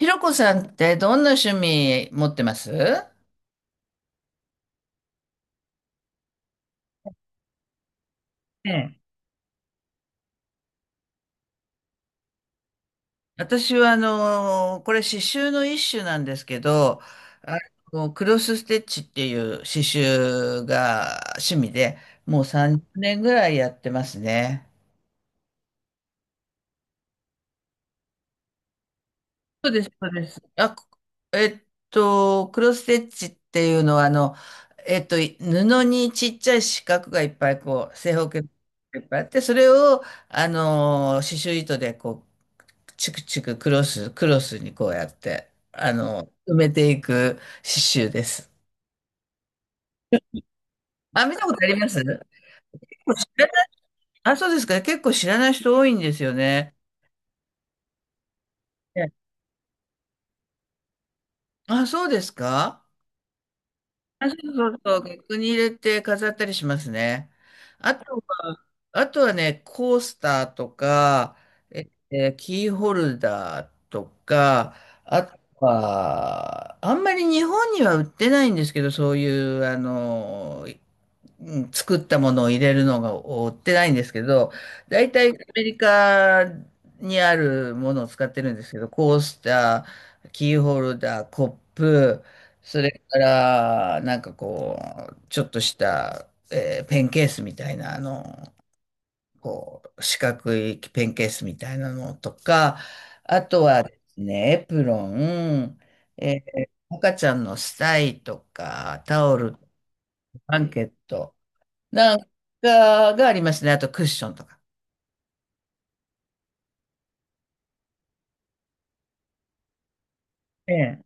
ひろこさんってどんな趣味持ってます？ええ、私はこれ刺繍の一種なんですけど、あクロスステッチっていう刺繍が趣味で、もう30年ぐらいやってますね。そうです、そうです。あ、こえっと、クロスステッチっていうのは布にちっちゃい四角がいっぱい正方形がいっぱいあって、それを刺繍糸でチクチククロス、クロスにこうやって、埋めていく刺繍です。あ、見たことあります。結構知らない。あ、そうですか。結構知らない人多いんですよね。ええ。あ、そうですか。あ、そうそうそう。額に入れて飾ったりしますね。あとは、あとはね、コースターとか、キーホルダーとか、あとは、あんまり日本には売ってないんですけど、そういう、うん、作ったものを入れるのが追ってないんですけど、大体アメリカにあるものを使ってるんですけど、コースター、キーホルダー、コップ、それから、なんかちょっとした、ペンケースみたいな、四角いペンケースみたいなのとか、あとはですね、エプロン、赤ちゃんのスタイとか、タオル、ブランケット、なんかがありますね。あとクッションとか。ええ。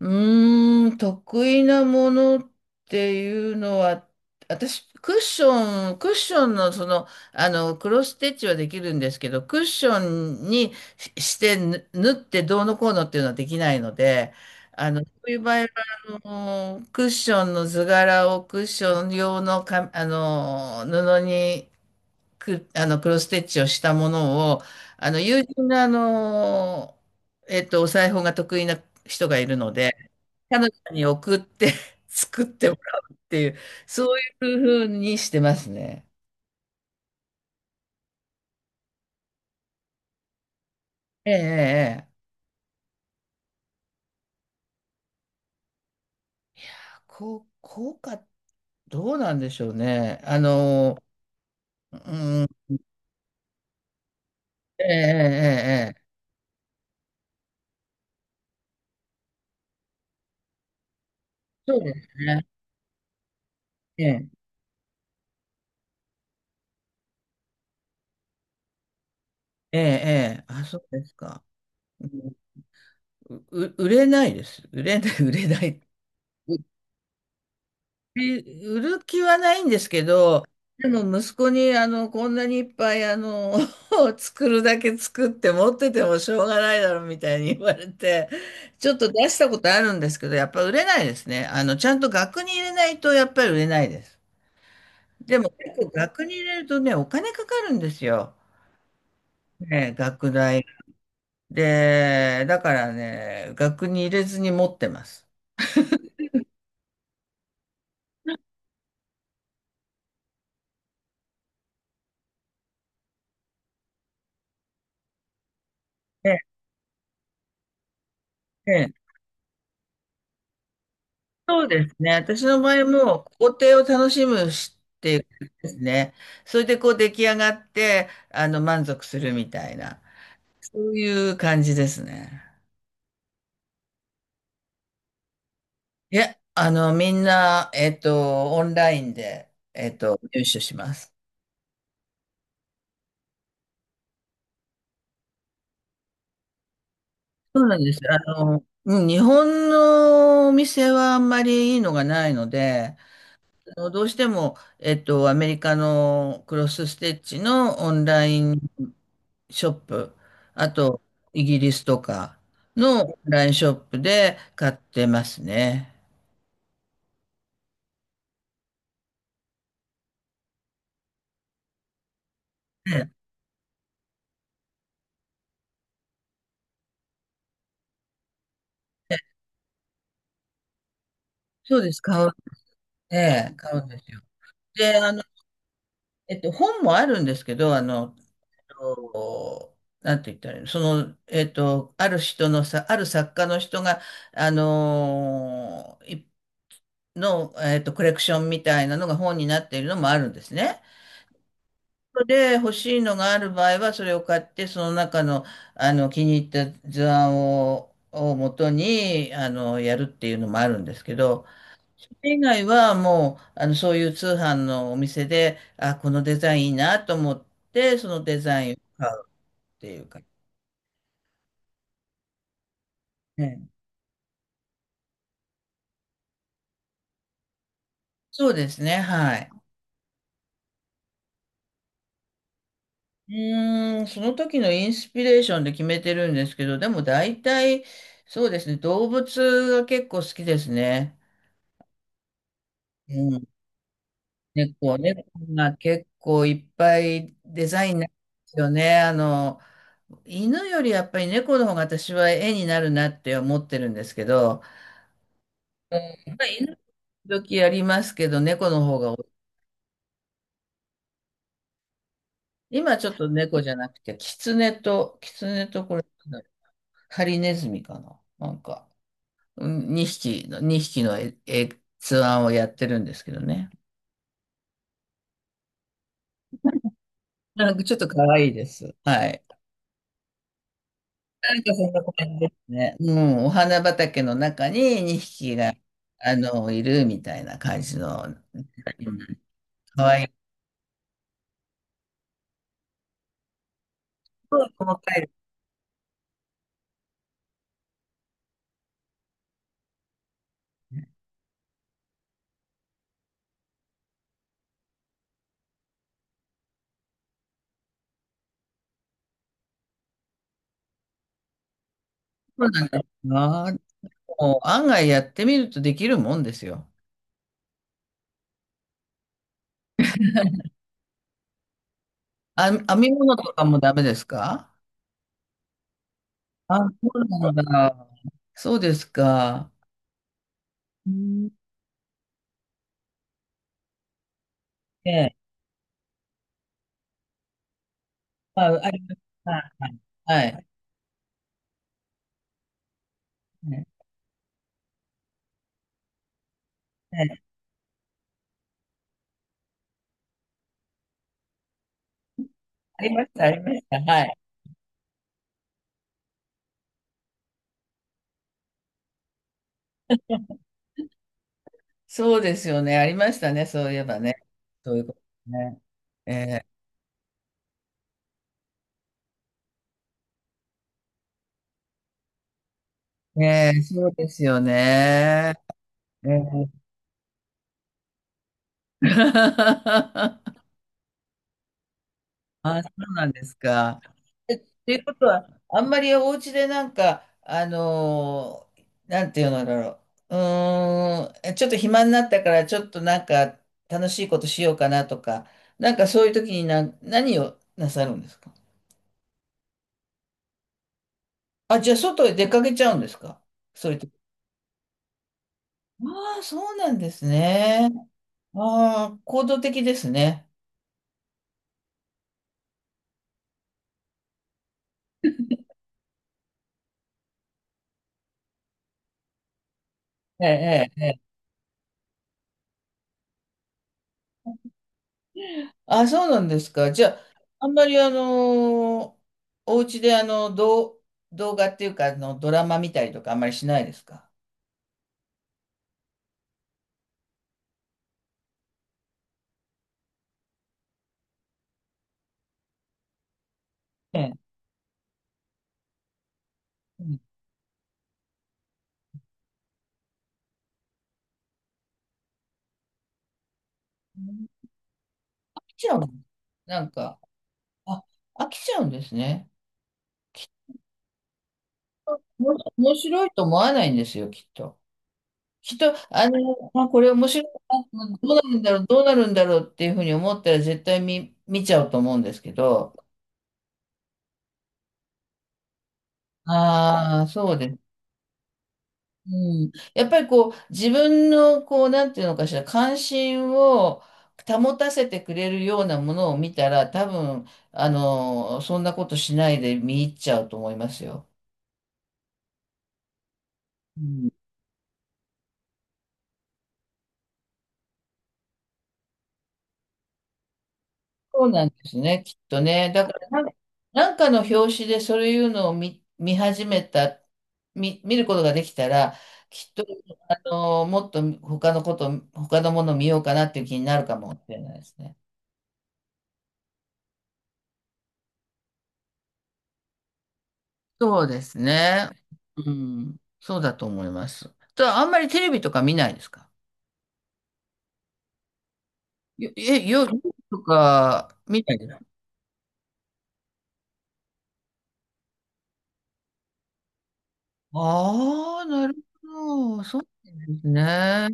得意なものっていうのは、私、クッションのクロスステッチはできるんですけど、クッションにして縫ってどうのこうのっていうのはできないので、そういう場合は、あクッションの図柄をクッション用のか、布にく、あの、クロスステッチをしたものを、友人のお裁縫が得意な人がいるので、彼女に送って 作ってもらうっていう、そういう風にしてますね。ええ、ええ。ええ、いやー、効果、どうなんでしょうね。うん、ええ、ええ、ええ。そうですね。ええ、ええ、ええ。あ、そうですか。うん、う、売れないです。売れない、売れない。え売る気はないんですけど、でも息子にこんなにいっぱい作るだけ作って持っててもしょうがないだろうみたいに言われて、ちょっと出したことあるんですけど、やっぱ売れないですね。ちゃんと額に入れないとやっぱり売れないです。でも結構額に入れるとね、お金かかるんですよ。ね、額代。で、だからね、額に入れずに持ってます。ええ、ねえ、そうですね。私の場合も工程を楽しむしっていう感じですね。それで出来上がって、満足するみたいな、そういう感じですね。いや、みんな、オンラインで、入手します。そうなんです。うん、日本のお店はあんまりいいのがないので、どうしても、アメリカのクロスステッチのオンラインショップ、あと、イギリスとかのオンラインショップで買ってますね。そうです、買う、ええ、買うんですよ。で、本もあるんですけど、なんて言ったらいいの、ある人のさ、ある作家の人が、あのーいの、えっと、コレクションみたいなのが本になっているのもあるんですね。で欲しいのがある場合はそれを買ってその中の、気に入った図案を、元にやるっていうのもあるんですけど、それ以外はもうそういう通販のお店でこのデザインいいなと思ってそのデザインを買うっていうか、ね。そうですね、はい。うその時のインスピレーションで決めてるんですけど、でも大体、そうですね、動物が結構好きですね。うん、猫が結構いっぱいデザインなんですよね。犬よりやっぱり猫の方が私は絵になるなって思ってるんですけど、うん、まあ、犬時々やりますけど、猫の方が多い。今ちょっと猫じゃなくて、キツネとこれ、なんだろう、ハリネズミかな、なんか、2匹の図案をやってるんですけどね。なんかちょっと可愛いです。はい。なんかそんな感じですね。うん、お花畑の中に2匹が、いるみたいな感じの、うん、かわいい。細かい。そうなんだ。もう案外やってみるとできるもんですよ。あ、編み物とかもダメですか？あ、そうなんだ。そうですか。うん。ええ。まあ、ありました。はい。はい。ええええ。ありました、ありました。はい。そうですよね。ありましたね。そういえばね。そういうことね。ええええ、そうですよね。ええ。 あ、そうなんですか。っていうことは、あんまりお家でなんか、なんていうのだろう。ちょっと暇になったから、ちょっとなんか楽しいことしようかなとか、なんかそういう時に何をなさるんですか？あ、じゃあ外へ出かけちゃうんですか？そういう時。ああ、そうなんですね。ああ、行動的ですね。ええ、ええ。あ、そうなんですか。じゃあ、あんまりお家で動画っていうか、ドラマ見たりとかあんまりしないですか？ええ。うん、飽きちゃう。なんか、あ、飽きちゃうんですね。面白いと思わないんですよ、きっと。きっと、あ、これ面白いな、どうなるんだろう、どうなるんだろうっていうふうに思ったら絶対見ちゃうと思うんですけど、ああ、そうですね。うん、やっぱり自分のなんていうのかしら関心を保たせてくれるようなものを見たら多分そんなことしないで見入っちゃうと思いますよ。うん、そうなんですね、きっとね。だからなんか、なんかの表紙でそういうのを見、見始めた見、見ることができたら、きっともっと他のものを見ようかなっていう気になるかもしれないですね。そうですね。うん。そうだと思います。あんまりテレビとか見ないですか？よえ、よ、夜とか見ないですか？ああー、なるほど。そうですね。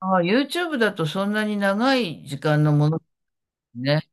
ああ、YouTube だとそんなに長い時間のものですね。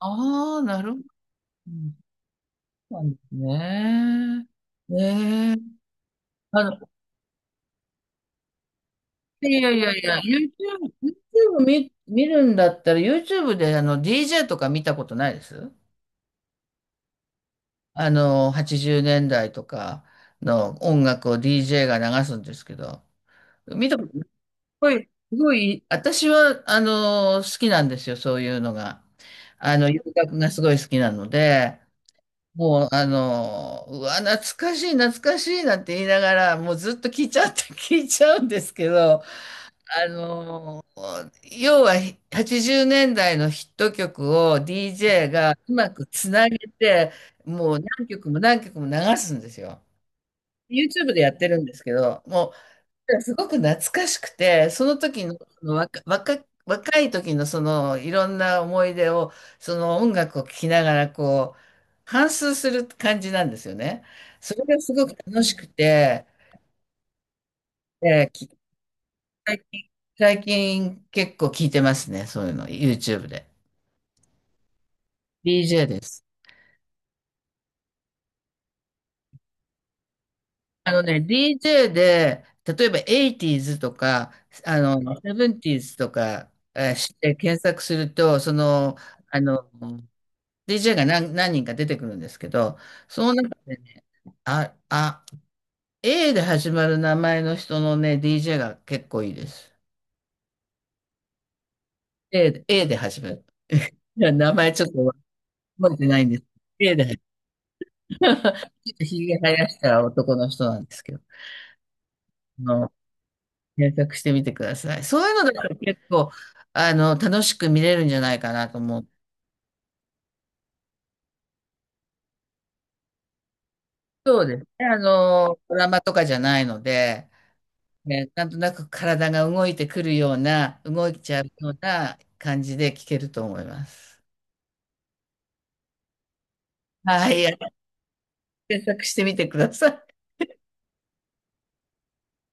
ああ、なるほど。うん、そうなんですね。ねえ。あの、いやいやいや、YouTube 見るんだったら YouTube でDJ とか見たことないです80年代とかの音楽を DJ が流すんですけど、見たこと、すごい、すごい、私は、好きなんですよ、そういうのが。洋楽がすごい好きなので、もう、うわ、懐かしい、懐かしいなんて言いながら、もうずっと聞いちゃって、聞いちゃうんですけど、あのー要は80年代のヒット曲を DJ がうまくつなげて、もう何曲も何曲も流すんですよ。YouTube でやってるんですけど、もうすごく懐かしくて、その時の、その若い時のそのいろんな思い出を、その音楽を聴きながら反芻する感じなんですよね。それがすごく楽しくて、えー聞最近、最近結構聞いてますね。そういうの。YouTube で。DJ です。DJ で、例えば 80s とか、あの、70s とか、して検索すると、あの、DJ が何人か出てくるんですけど、その中でね、あ、あ、A で始まる名前の人のね、DJ が結構いいです。A で、A で始まる。いや、名前ちょっと覚えてないんです。A で ちょっとひげ生やした男の人なんですけど、あの、検索してみてください。そういうのだと結構、楽しく見れるんじゃないかなと思う。そうですね。ドラマとかじゃないので、ね、なんとなく体が動いてくるような、動いちゃうような感じで聞けると思います。はい、検索してみてください。